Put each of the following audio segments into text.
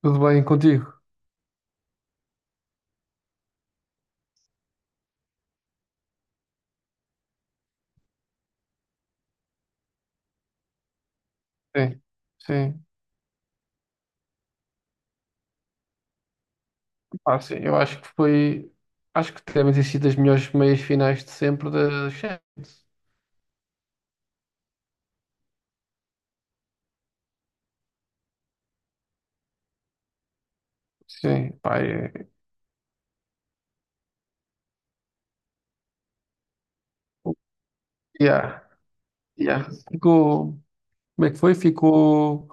Tudo bem contigo? Sim, sim. Ah, sim, eu acho que foi. Acho que deve ter sido das melhores meias finais de sempre da Champions. Sim, pá. É. Yeah, yeah. Ficou. Como é que foi? Ficou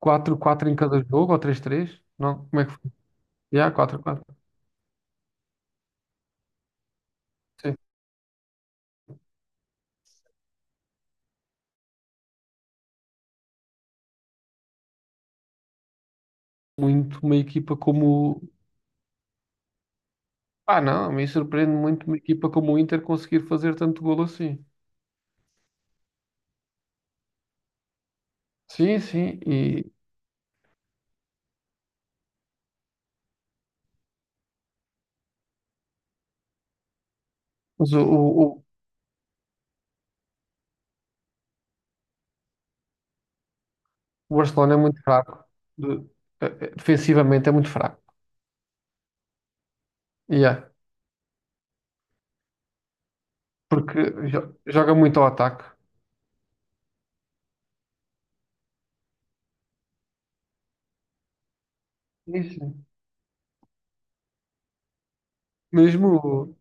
4-4 em cada jogo ou 3-3? Não? Como é que foi? Yeah, 4-4. Sim. Muito uma equipa como. Ah, não, me surpreende muito uma equipa como o Inter conseguir fazer tanto golo assim. Sim, sim. E. Mas o Barcelona é muito fraco. De- defensivamente é muito fraco. Yeah. Porque joga muito ao ataque. Isso. Mesmo,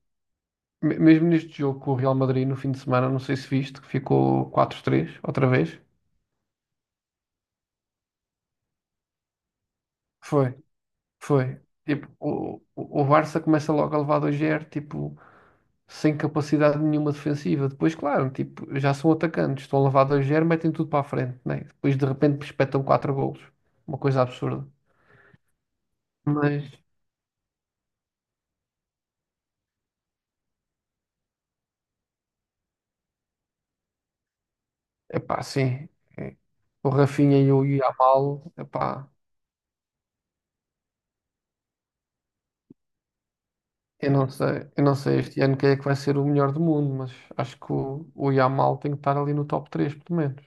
mesmo neste jogo com o Real Madrid no fim de semana, não sei se viste, que ficou 4-3 outra vez. Foi, foi. Tipo, o Barça começa logo a levar 2-0, tipo, sem capacidade nenhuma defensiva. Depois, claro, tipo, já são atacantes, estão a levar 2-0, metem tudo para a frente, né? Depois de repente espetam 4 golos. Uma coisa absurda. Mas, Epá, sim. É. O Rafinha e o Yamal, epá, eu não sei este ano quem é que vai ser o melhor do mundo, mas acho que o Yamal tem que estar ali no top 3, pelo menos.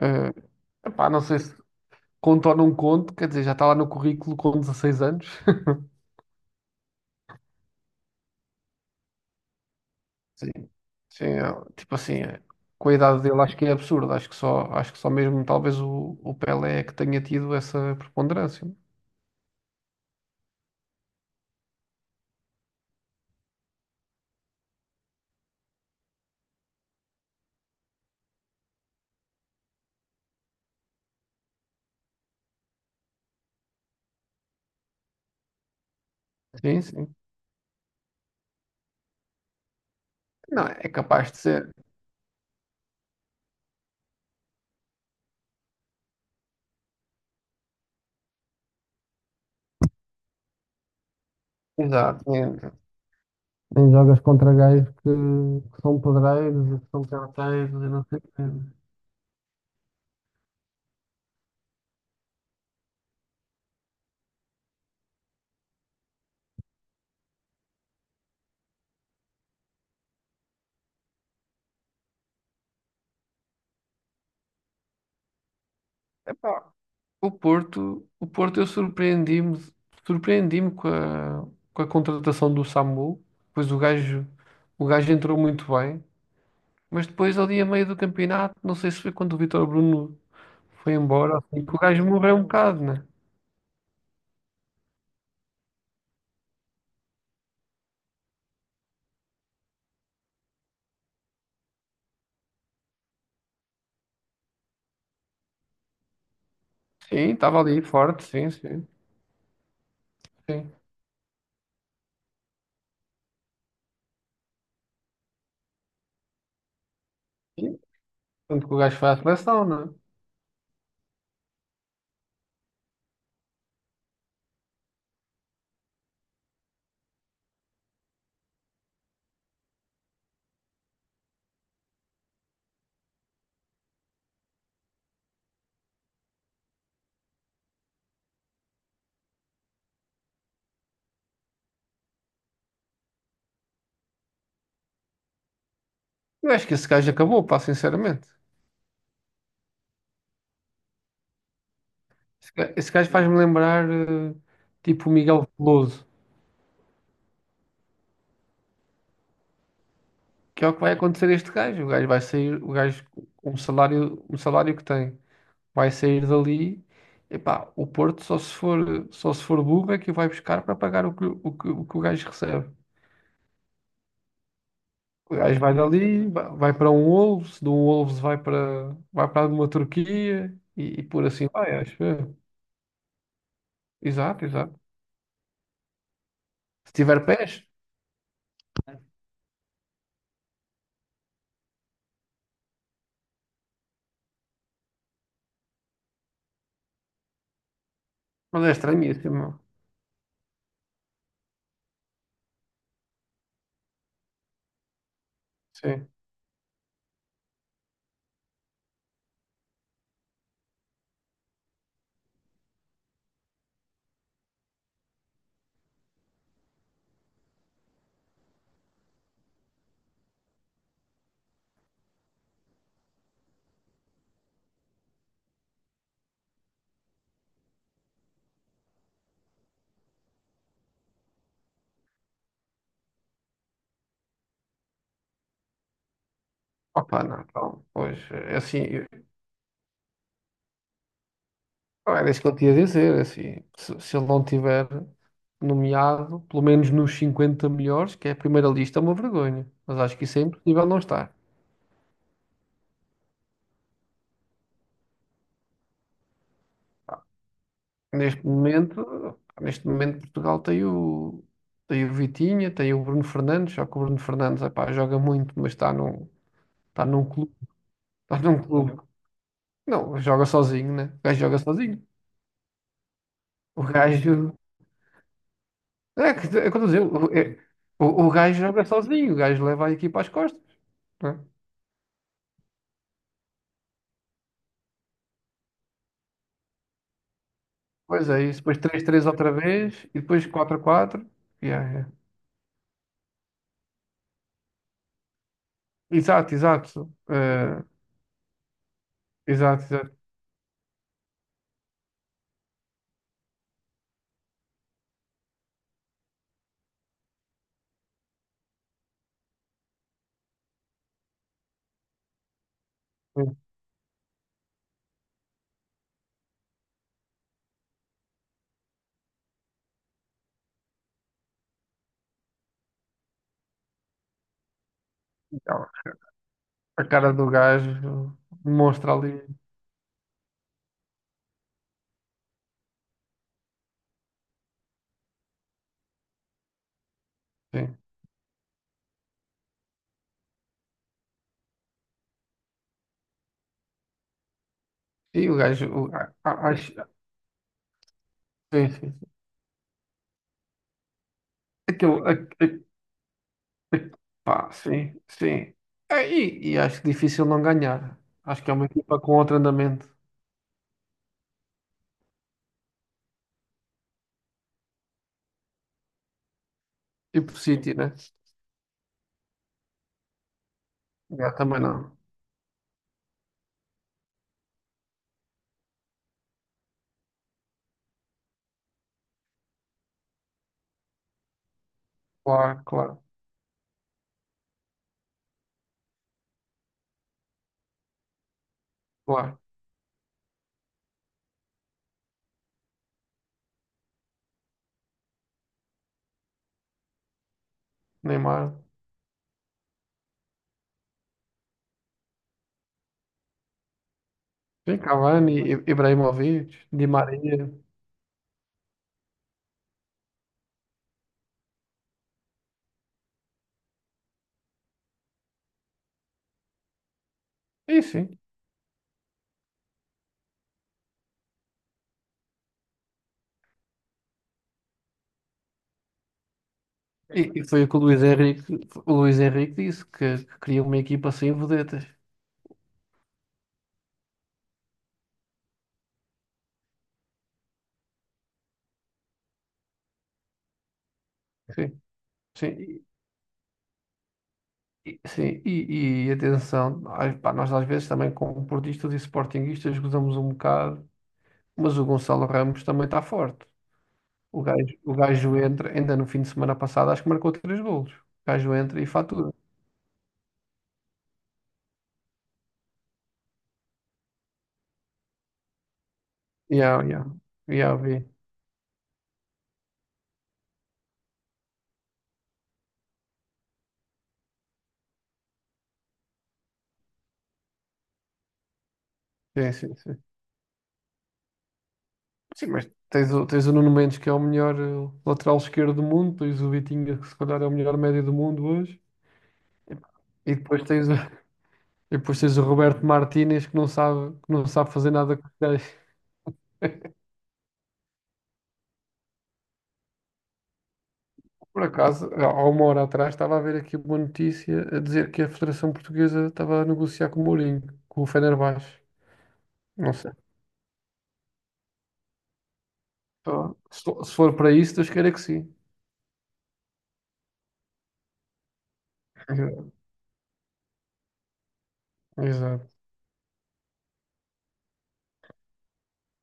Eh, epá, não sei se conto ou não conto, quer dizer, já está lá no currículo com 16 anos. Sim, sim, é, tipo assim, é, com a idade dele acho que é absurdo, acho que só mesmo talvez o Pelé é que tenha tido essa preponderância. Sim, sim. Não, é capaz de ser. Exato. É. Em jogas contra gajos que são pedreiros e que são carteiros e não sei o quê. Epá, o Porto eu surpreendi-me com a contratação do Samu, pois o gajo entrou muito bem, mas depois ali a meio do campeonato, não sei se foi quando o Vítor Bruno foi embora, assim, que o gajo morreu um bocado, né? Sim, estava ali forte, sim, sim, sim. E, tanto que o gajo foi à seleção, não é? Eu acho que esse gajo acabou, pá, sinceramente. Esse gajo faz-me lembrar, tipo, o Miguel Veloso, que é o que vai acontecer a este gajo. O gajo vai sair, o gajo com o salário que tem, vai sair dali. Epá, o Porto só se for burro é que o vai buscar para pagar o que o gajo recebe. O gajo vai dali, vai para um Wolves, de um Wolves vai para uma Turquia e por assim vai, acho eu. Exato, exato. Se tiver pés, mas é estranhíssimo. Sim. Opa, não, então, pois, é assim, era isso que eu tinha a dizer, é assim, se ele não tiver nomeado, pelo menos nos 50 melhores, que é a primeira lista, é uma vergonha. Mas acho que isso é impossível não estar. Neste momento, Portugal tem o Vitinha, tem o Bruno Fernandes, só que o Bruno Fernandes, epá, joga muito, mas está num clube, está num clube. Não, joga sozinho, né? O gajo joga sozinho. O gajo É, que- é, O gajo joga sozinho, o gajo leva a equipa às costas. Né? Pois é, isso. Depois 3-3 outra vez e depois 4 quatro. Yeah, yeah. Exato, exato. Exato, exato. Então. A cara do gajo mostra ali. Sim. E o gajo. Sim, sim, sim. Aquilo. A- pá, sim, sim. E acho difícil não ganhar. Acho que é uma equipa com outro andamento. Tipo City, né? Yeah, também não. Claro, claro. Claro, Neymar, sim, Cavani, Ibrahimovic, Di Maria, e sim. E foi o que o Luís Henrique disse, que queria uma equipa sem vedetas. Sim, sim, e, sim, e atenção, ai, pá, nós às vezes também como portistas e sportinguistas gozamos um bocado, mas o Gonçalo Ramos também está forte. O gajo entra, ainda no fim de semana passado, acho que marcou três golos. O gajo entra e fatura. Yeah, yeah, yeah, vi. Sim, sim, sim. Sim, mas tens o Nuno Mendes, que é o melhor lateral esquerdo do mundo, tens o Vitinha, que se calhar é o melhor médio do mundo hoje, e depois tens, o- e depois tens o Roberto Martínez, que não sabe fazer nada com os pés. Por acaso, há uma hora atrás, estava a ver aqui uma notícia a dizer que a Federação Portuguesa estava a negociar com o Mourinho, com o Fenerbahçe. Não sei. Se for para isso, Deus queira que sim. Exato.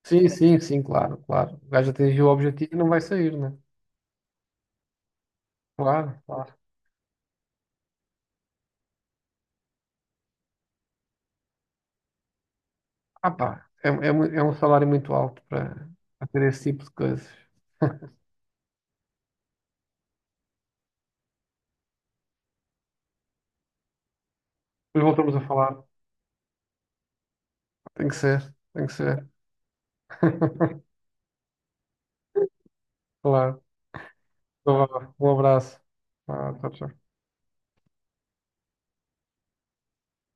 Sim, sim, sim, claro, claro. O gajo atingiu o objetivo e não vai sair, né? Claro, claro. Ah pá, é um salário muito alto para ter esse tipo de coisas. Depois voltamos a falar. Tem que ser, tem que ser. Claro. Então vá. Um abraço. Ah, tchau, tchau.